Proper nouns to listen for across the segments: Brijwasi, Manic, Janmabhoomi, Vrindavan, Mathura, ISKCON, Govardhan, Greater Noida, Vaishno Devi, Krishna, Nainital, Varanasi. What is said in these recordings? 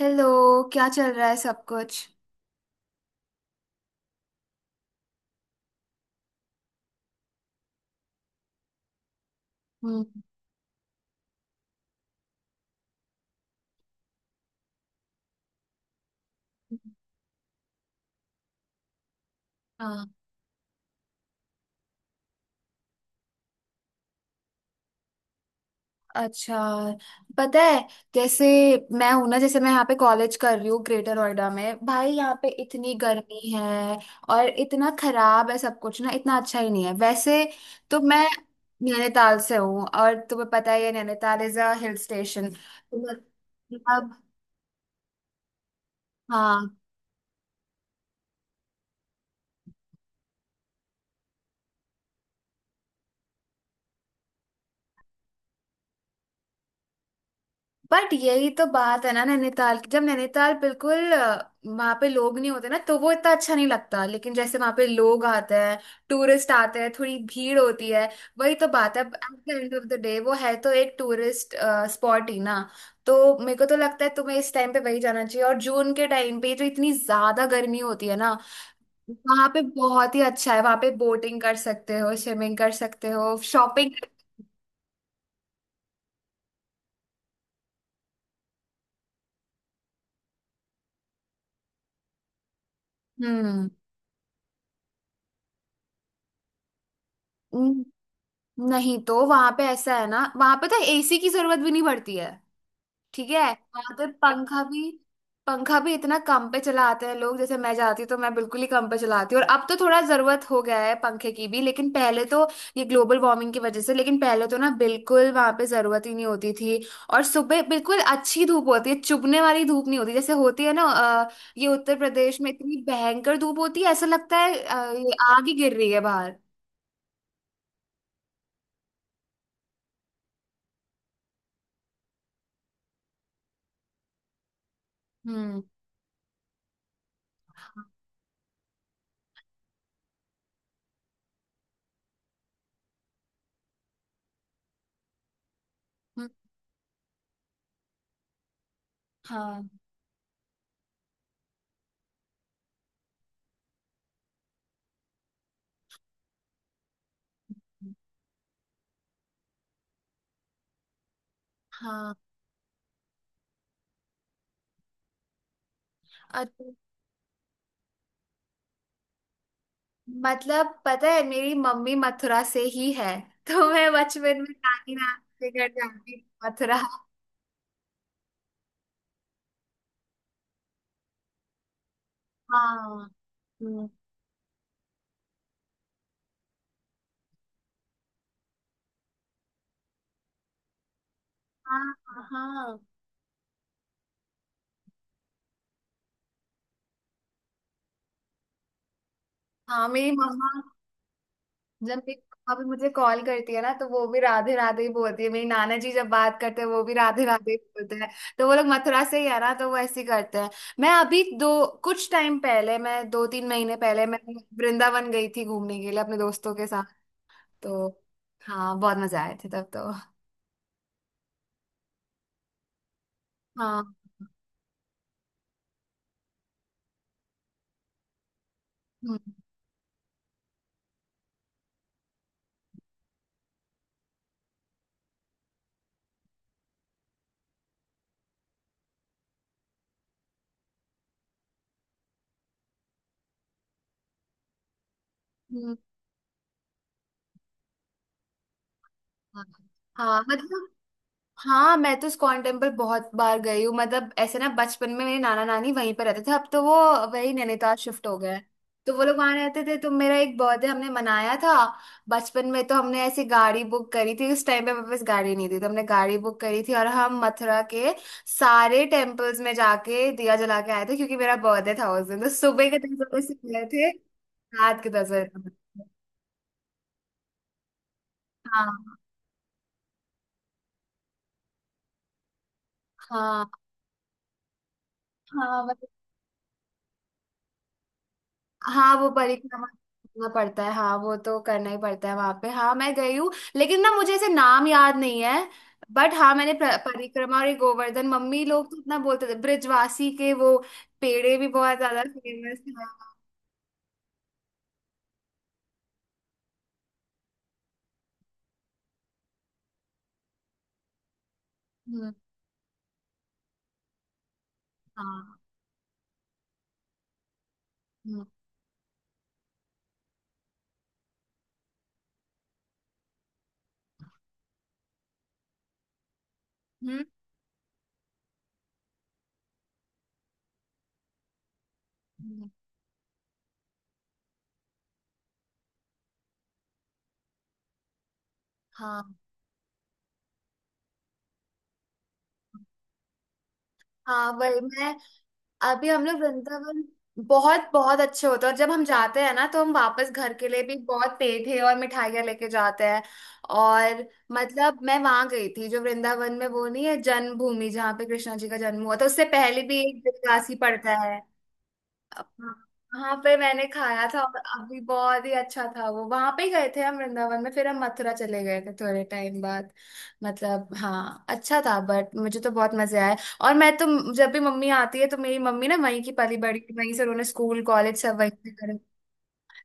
Hello. क्या चल रहा है सब कुछ? हम्म। हाँ। अच्छा, पता है जैसे, मैं हूं ना, जैसे मैं यहाँ पे कॉलेज कर रही हूँ ग्रेटर नोएडा में। भाई यहाँ पे इतनी गर्मी है और इतना खराब है सब कुछ ना, इतना अच्छा ही नहीं है वैसे। तो मैं नैनीताल से हूँ और तुम्हें पता ही है Nainital is a hill station. अब हाँ, बट यही तो बात है ना नैनीताल की। जब नैनीताल बिल्कुल वहां पे लोग नहीं होते ना तो वो इतना अच्छा नहीं लगता, लेकिन जैसे वहां पे लोग आते हैं, टूरिस्ट आते हैं, थोड़ी भीड़ होती है, वही तो बात है। At the end of the day वो है तो एक टूरिस्ट स्पॉट ही ना। तो मेरे को तो लगता है तुम्हें इस टाइम पे वही जाना चाहिए, और जून के टाइम पे जो इतनी ज्यादा गर्मी होती है ना, वहां पे बहुत ही अच्छा है। वहां पे बोटिंग कर सकते हो, स्विमिंग कर सकते हो, शॉपिंग। हम्म। नहीं, तो वहां पे ऐसा है ना, वहां पे तो एसी की जरूरत भी नहीं पड़ती है। ठीक है। वहां पे पंखा भी, पंखा भी इतना कम पे चलाते हैं लोग। जैसे मैं जाती हूँ तो मैं बिल्कुल ही कम पे चलाती हूँ, और अब तो थोड़ा जरूरत हो गया है पंखे की भी, लेकिन पहले तो, ये ग्लोबल वार्मिंग की वजह से, लेकिन पहले तो ना बिल्कुल वहां पे जरूरत ही नहीं होती थी। और सुबह बिल्कुल अच्छी धूप होती है, चुभने वाली धूप नहीं होती, जैसे होती है ना ये उत्तर प्रदेश में। इतनी भयंकर धूप होती है, ऐसा लगता है ये आग ही गिर रही है बाहर। हम्म। हाँ, हम्म, हाँ हाँ। और मतलब पता है मेरी मम्मी मथुरा से ही है, तो मैं बचपन में नानी नानी के घर जाती थी मथुरा। हाँ। हम्म, हाँ हाँ हाँ। मेरी मम्मा, जब भी मम्मा भी मुझे कॉल करती है ना तो वो भी राधे राधे ही बोलती है, मेरी नाना जी जब बात करते हैं वो भी राधे राधे ही बोलते हैं। तो वो लोग मथुरा से ही है ना तो वो ऐसे ही करते हैं। मैं अभी दो कुछ टाइम पहले, मैं दो तीन महीने पहले मैं वृंदावन गई थी घूमने के लिए अपने दोस्तों के साथ। तो हाँ, बहुत मजा आए थे तब तो। हाँ। हम्म, हम्म, हाँ हाँ, मतलब। हाँ मैं तो इस्कॉन टेम्पल बहुत बार गई हूँ। मतलब ऐसे ना, बचपन में मेरे नाना नानी वहीं पर रहते थे, अब तो वो वही नैनीताल शिफ्ट हो गए। तो वो लोग वहां रहते थे, तो मेरा एक बर्थडे हमने मनाया था बचपन में, तो हमने ऐसी गाड़ी बुक करी थी, उस टाइम पे मेरे पास गाड़ी नहीं थी, तो हमने गाड़ी बुक करी थी और हम मथुरा के सारे टेम्पल्स में जाके दिया जला के आए थे, क्योंकि मेरा बर्थडे था उस दिन, तो सुबह के टाइम से गए थे रात के 10 बजे तक। हाँ हाँ हाँ। मतलब हाँ वो परिक्रमा करना पड़ता है, हाँ वो तो करना ही पड़ता है वहां पे, हाँ मैं गई हूँ। लेकिन ना मुझे ऐसे नाम याद नहीं है, बट हाँ मैंने परिक्रमा, और ये गोवर्धन, मम्मी लोग तो इतना बोलते थे, ब्रिजवासी के वो पेड़े भी बहुत ज्यादा फेमस है। हम्म। हाँ। हम्म। हम्म, हम्म, हाँ हाँ। वही मैं, अभी हम लोग वृंदावन, बहुत बहुत अच्छे होते हैं, और जब हम जाते हैं ना तो हम वापस घर के लिए भी बहुत पेठे और मिठाइयाँ लेके जाते हैं। और मतलब मैं वहां गई थी, जो वृंदावन में वो नहीं है जन्मभूमि जहाँ पे कृष्णा जी का जन्म हुआ था, उससे पहले भी एक देवदासी पड़ता है, वहां पे मैंने खाया था। और अभी बहुत ही अच्छा था वो, वहां पे ही गए थे हम वृंदावन में, फिर हम मथुरा चले गए थे थोड़े टाइम बाद। मतलब हाँ, अच्छा था बट मुझे तो बहुत मजे आए। और मैं तो, जब भी मम्मी आती है तो, मेरी मम्मी ना वहीं की पली बड़ी, वहीं से उन्होंने स्कूल कॉलेज सब वहीं से करे।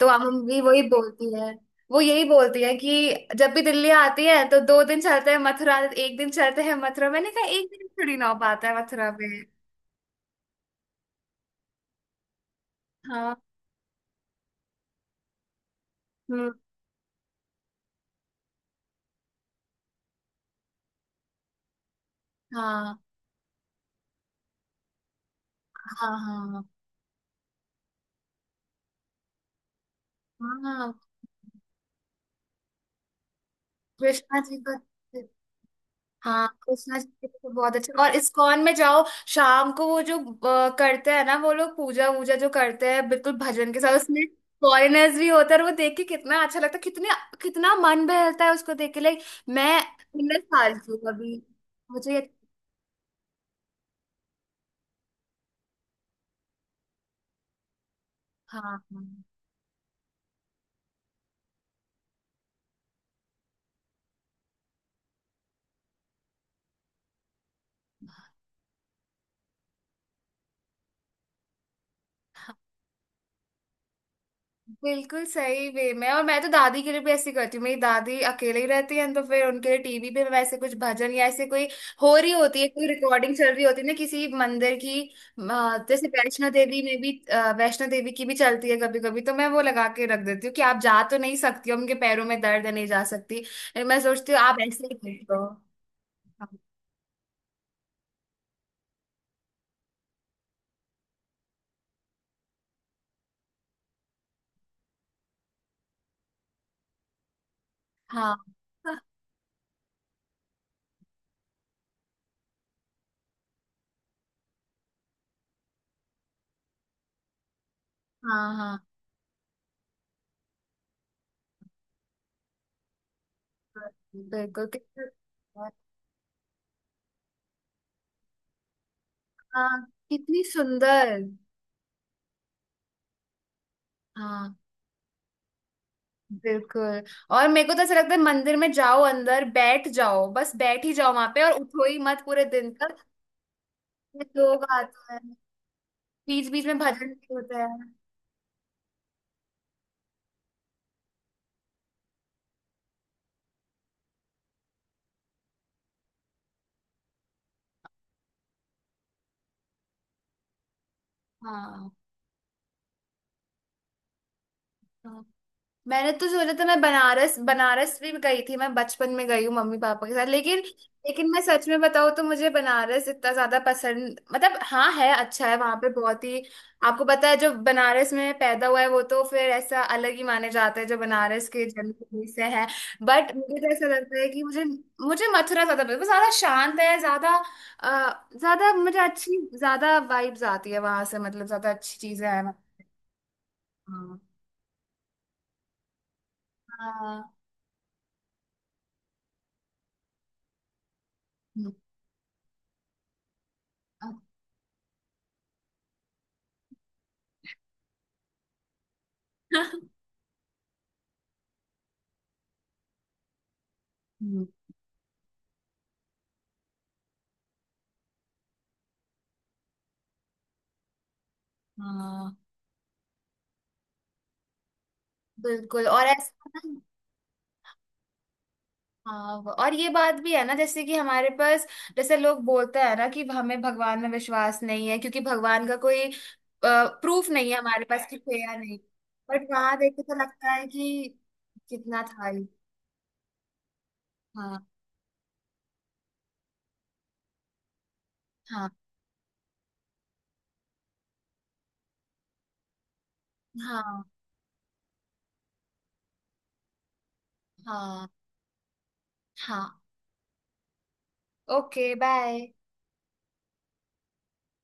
तो अब मम्मी वही बोलती है, वो यही बोलती है कि जब भी दिल्ली आती है तो दो दिन चलते हैं मथुरा, एक दिन चलते हैं मथुरा, मैंने कहा एक दिन थोड़ी ना हो पाता है मथुरा में। हाँ। हम्म। हाँ हाँ हाँ हाँ। कृष्णा जी का। हाँ कृष्णा जी के तो बहुत अच्छा, और इस्कॉन में जाओ शाम को, वो जो करते हैं ना वो लोग, पूजा वूजा जो करते हैं बिल्कुल भजन के साथ, उसमें फॉरेनर्स भी होते हैं और वो देख के कितना अच्छा लगता है, कितने, कितना मन बहलता है उसको देख के। लाइक मैं 19 साल की हूँ अभी, मुझे ये- हाँ हाँ। बिल्कुल सही वे में। और मैं तो दादी के लिए भी ऐसी करती हूँ, मेरी दादी अकेले ही रहती है तो फिर उनके लिए टीवी पे मैं ऐसे कुछ भजन या ऐसे कोई हो रही होती है, कोई रिकॉर्डिंग चल रही होती है ना किसी मंदिर की। जैसे वैष्णो देवी में भी, वैष्णो देवी की भी चलती है कभी कभी, तो मैं वो लगा के रख देती हूँ कि आप जा तो नहीं सकती हो, उनके पैरों में दर्द है नहीं जा सकती, मैं सोचती हूँ आप ऐसे ही करते हो। हाँ हाँ हाँ। बिल्कुल कितना- हाँ कितनी सुंदर। हाँ बिल्कुल। और मेरे को तो ऐसा लगता है मंदिर में जाओ, अंदर बैठ जाओ, बस बैठ ही जाओ वहां पे और उठो ही मत पूरे दिन तक। फिर लोग आते हैं, बीच बीच में भजन भी होता है। हाँ। हाँ। मैंने तो सोचा था, मैं बनारस, बनारस भी गई थी मैं बचपन में, गई हूँ मम्मी पापा के साथ, लेकिन लेकिन मैं सच में बताऊँ तो मुझे बनारस इतना ज्यादा पसंद, मतलब हाँ है अच्छा है वहां पे बहुत ही, आपको पता है जो बनारस में पैदा हुआ है वो तो फिर ऐसा अलग ही माने जाते हैं, जो बनारस के जन्मभूमि से है। बट मुझे तो ऐसा लगता है कि मुझे मुझे मथुरा ज्यादा पसंद है। वो ज्यादा शांत है, ज्यादा ज्यादा मुझे अच्छी, ज्यादा वाइब्स आती है वहां से, मतलब ज्यादा अच्छी चीजें हैं वहाँ। हाँ। हाँ। हम्म, हाँ बिल्कुल। और ऐसा ना, हाँ वो- और ये बात भी है ना जैसे कि हमारे पास, जैसे लोग बोलते हैं ना कि हमें भगवान में विश्वास नहीं है, क्योंकि भगवान का कोई प्रूफ नहीं है हमारे पास कि थे या नहीं, बट वहां देख के तो लगता है कि कितना था ही। हाँ हाँ हाँ हाँ हाँ। Okay bye.